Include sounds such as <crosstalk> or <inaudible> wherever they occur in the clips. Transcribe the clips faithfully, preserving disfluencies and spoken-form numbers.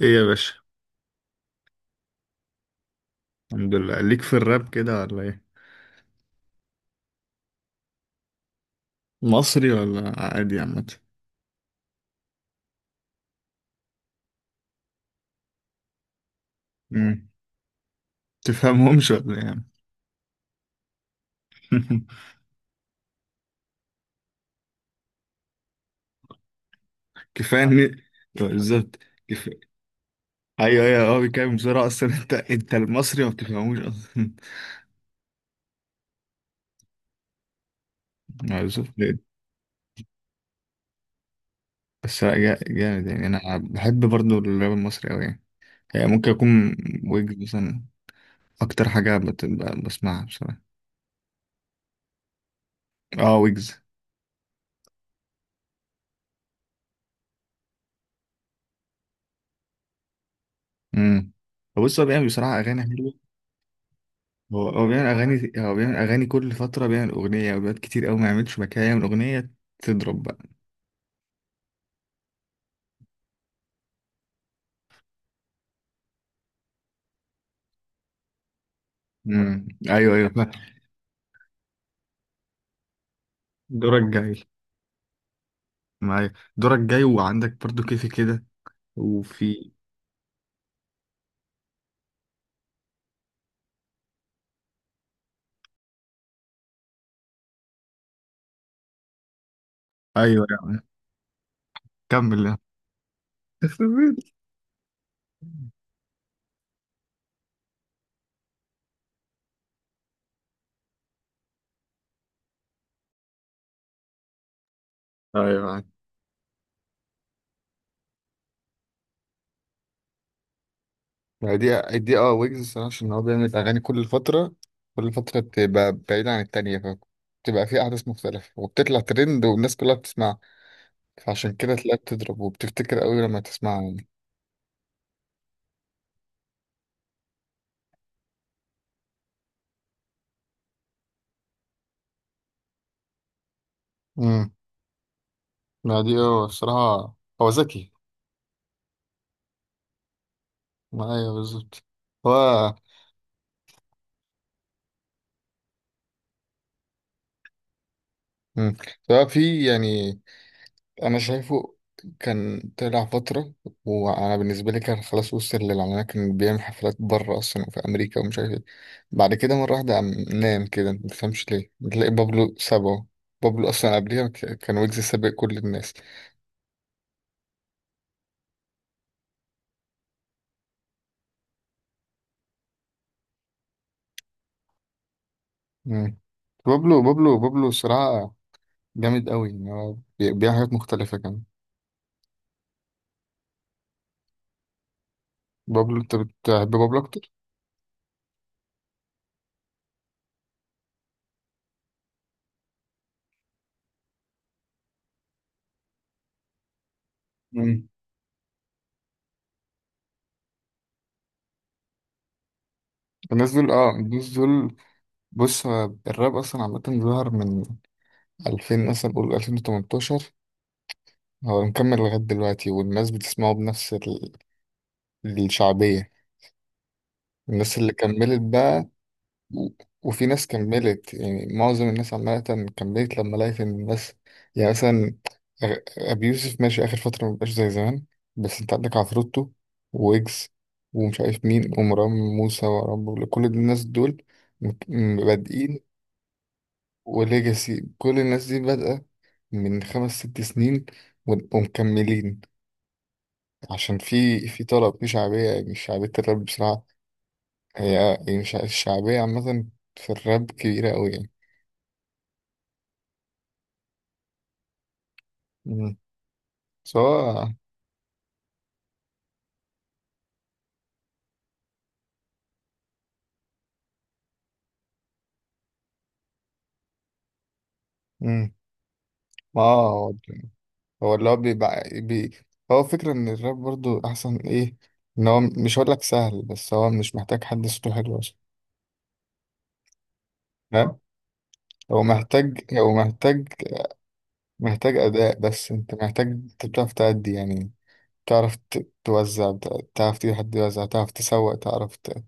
ايه يا باشا. الحمد لله. ليك في الراب كده ولا ايه؟ مصري ولا عادي عامة؟ امم تفهمهمش ولا ايه يا عم؟ <laughs> كفايه ان. آه، بالظبط. كفايه. ايوه ايوه، هو بيتكلم بسرعه اصلا. <laughs> انت انت المصري ما بتفهموش اصلا. <laughs> بالظبط. بس لا، جا- جامد يعني. انا بحب برضو الراب المصري قوي يعني. يعني ممكن اكون ويجز مثلا، اكتر حاجه بت- بسمعها بصراحه. اه ويجز. امم بص، هو بيعمل بصراحه اغاني حلوه. هو هو بيعمل اغاني، هو بيعمل اغاني كل فتره، بيعمل اغنيه. اوقات كتير قوي ما يعملش مكان يعمل اغنيه تضرب بقى. امم ايوه ايوه، فاهم. دورك جاي، معايا دورك جاي، وعندك برضو كيفي كده. وفي ايوه يعني. كمل يا عم. <laughs> ايوه معاك. ما دي دي اه ويجز. الصراحه عشان هو بيعمل اغاني كل فتره. كل فتره بتبقى بعيده عن التانيه، فبتبقى في احداث مختلفه وبتطلع ترند والناس كلها بتسمعها. فعشان كده تلاقيها بتضرب وبتفتكر قوي لما تسمعها. يعني ما دي هو الصراحة. هو ذكي. ما أيوه بالظبط. هو. مم. هو في يعني. أنا شايفه كان طلع فترة. وأنا بالنسبة لي كان خلاص، وصل للعلانية، كان بيعمل حفلات بره أصلا وفي أمريكا ومش عارف إيه. بعد كده مرة واحدة قام نام كده، ما تفهمش ليه، بتلاقي بابلو سابه. بابلو أصلا قبليها ك- كان ويجز سابق كل الناس. مم. بابلو بابلو بابلو صراحة جامد قوي يعني هو. بي- بيعمل حاجات مختلفة كمان. بابلو؟ أنت بتحب بابلو أكتر؟ الناس دول اه الناس دول. بص هو الراب اصلا عامة ظهر من ألفين مثلا، قول ألفين وتمنتاشر. هو مكمل لغاية دلوقتي، والناس بتسمعه بنفس ال- الشعبية. الناس اللي كملت بقى. و- وفي ناس كملت يعني، معظم الناس عامة كملت لما لقيت ان الناس، يعني مثلا أغ- أبي يوسف ماشي آخر فترة، مبقاش زي زمان. بس انت عندك عفروتو، ويجز، ومش عارف مين، ومروان موسى، ومروان بابلو، كل الناس دول مت- بادئين. وليجاسي، كل الناس دي بادئة من خمس ست سنين، و- ومكملين، عشان في في طلب، في شعبية، يعني شعبية الراب بصراحة. هي يعني شع- الشعبية عامة في الراب كبيرة أوي يعني. مم. سواء. مم. ما هو، هو اللي هو بيبقى بي. هو فكرة إن الراب برضو أحسن إيه؟ إن هو مش هقولك سهل، بس هو مش محتاج حد صوته حلو أصلا، فاهم؟ هو محتاج هو محتاج، محتاج أداء. بس أنت محتاج، أنت بتعرف تأدي يعني. تعرف ت- توزع، تعرف تجيب حد يوزع، تعرف تسوق، تعرف ت...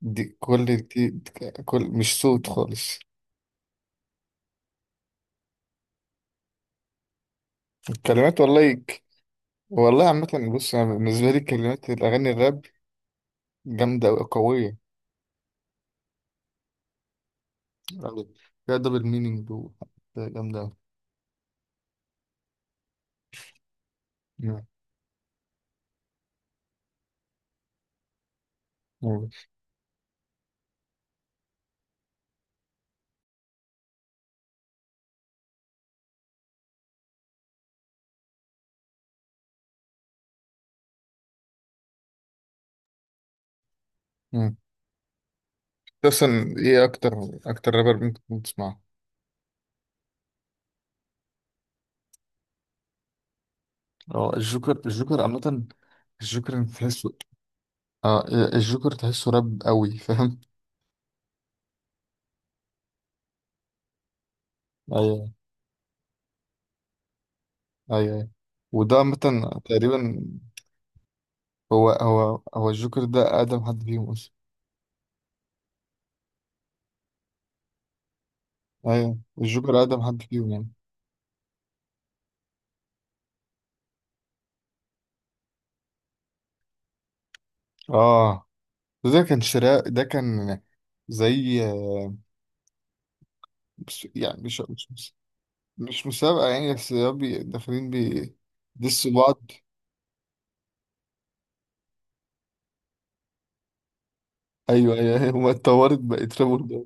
دي كل دي، كل مش صوت خالص. الكلمات والله ك- والله عامة، بص أنا بالنسبة لي كلمات الأغاني الراب جامدة أوي، قوية أوي. فيها دبل مينينج جامدة أوي. مم. مم. مم. أصلا إيه أكتر أكتر رابر ممكن تسمعه؟ اه الجوكر الجوكر عامة، الجوكر تحسه. اه الجوكر تحسه راب قوي، فاهم؟ ايوه ايوه أيوة. وده مثلا تقريبا. هو هو هو الجوكر ده أقدم حد فيهم أصلا. أيوة الجوكر أقدم حد فيهم يعني. آه، ده ده كان شراء. ده كان زي آه، مش- يعني مش مش مش مش مسابقة يعني. بس هو بي- داخلين بي دسوا بعض. أيوة أيوة أيوة، هما اتطورت بقت رابر ده.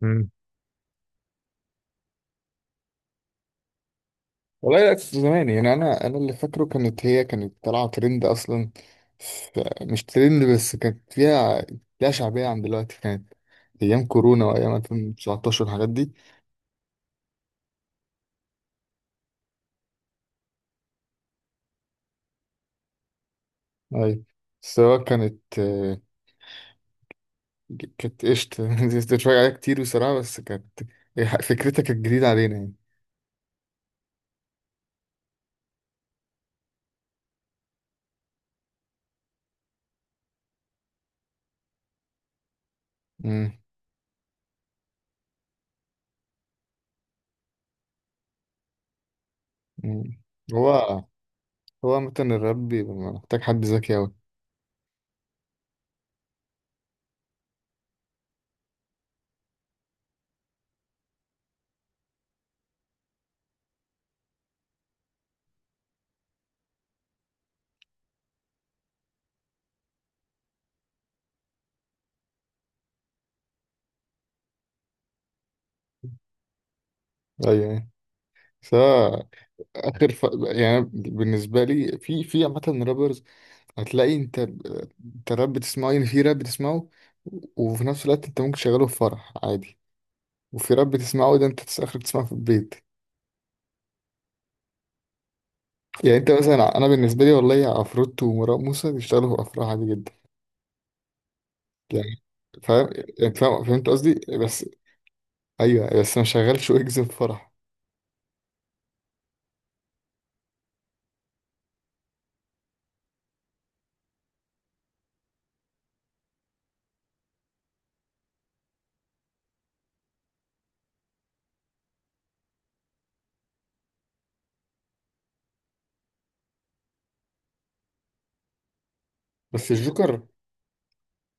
مم. والله لا، كنت زمان يعني. أنا أنا اللي فاكره، كانت هي كانت طالعة ترند أصلا. ف- مش ترند بس، كانت فيها، ليها شعبية عن دلوقتي. كانت أيام كورونا وأيام ألفين وتسعتاشر الحاجات دي. أي السواقة كانت آه، كانت قشطة. <laughs> كنت بتفرج عليها كتير بصراحة، بس كانت فكرتها كانت جديدة علينا يعني. مم. مم. هو هو مثلا الراب بيبقى محتاج حد ذكي أوي. أيوة يعني. سواء آخر ف... يعني بالنسبة لي في في عامة رابرز، هتلاقي أنت أنت راب بتسمعه، يعني في راب بتسمعه وفي نفس الوقت أنت ممكن تشغله في فرح عادي، وفي راب بتسمعه ده أنت آخرك تسمعه في البيت. يعني انت مثلا، انا بالنسبه لي والله عفروت ومروان موسى يشتغلوا افراح عادي جدا يعني، فاهم؟ يعني فاهم فهمت قصدي؟ بس ايوه، بس ما شغلش ويجز في فرح. بس الجوكر،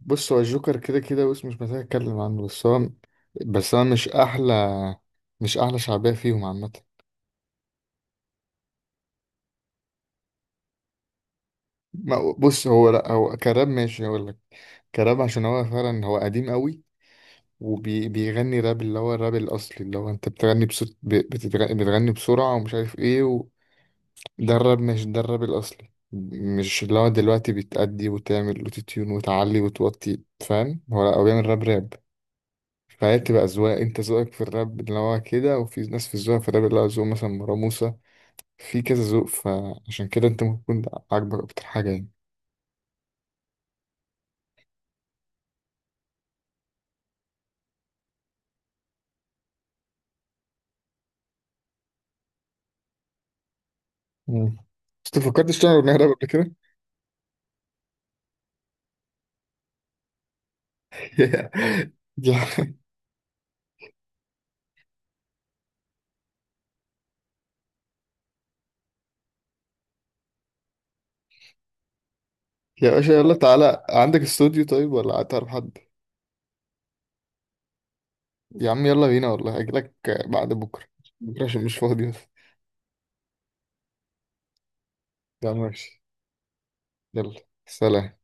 بص هو الجوكر كده كده، بص مش محتاج اتكلم عنه، بس هو. بس انا مش احلى مش احلى شعبيه فيهم عامه. ما- بص هو لا، هو كراب ماشي هقول لك. كراب عشان هو فعلا هو قديم قوي، وبيغني راب اللي هو الراب الاصلي، اللي هو انت بتغني بصوت ب- بتتغ- بتغني بسرعه ومش عارف ايه. درب مش درب الأصلي، مش اللي هو دلوقتي بتأدي وتعمل وتتيون وتعلي وتوطي، فاهم؟ هو لأ، هو بيعمل راب راب. فهي بتبقى أذواق، أنت ذوقك في الراب اللي هو كده، وفي ناس في الذوق في الراب اللي هو ذوق مثلا مروة موسى. في كذا ذوق، فعشان كده أنت ممكن تكون عاجبك أكتر حاجة يعني. مم. بس أنت فكرتش تعمل أغنية راب قبل كده؟ <laughs> يا يا باشا، يلا تعالى عندك استوديو طيب ولا تعرف حد؟ يا عم يلا بينا، والله أجيلك بعد بكرة. بكرة عشان مش فاضي بس. يا عم ماشي، يلا، سلام.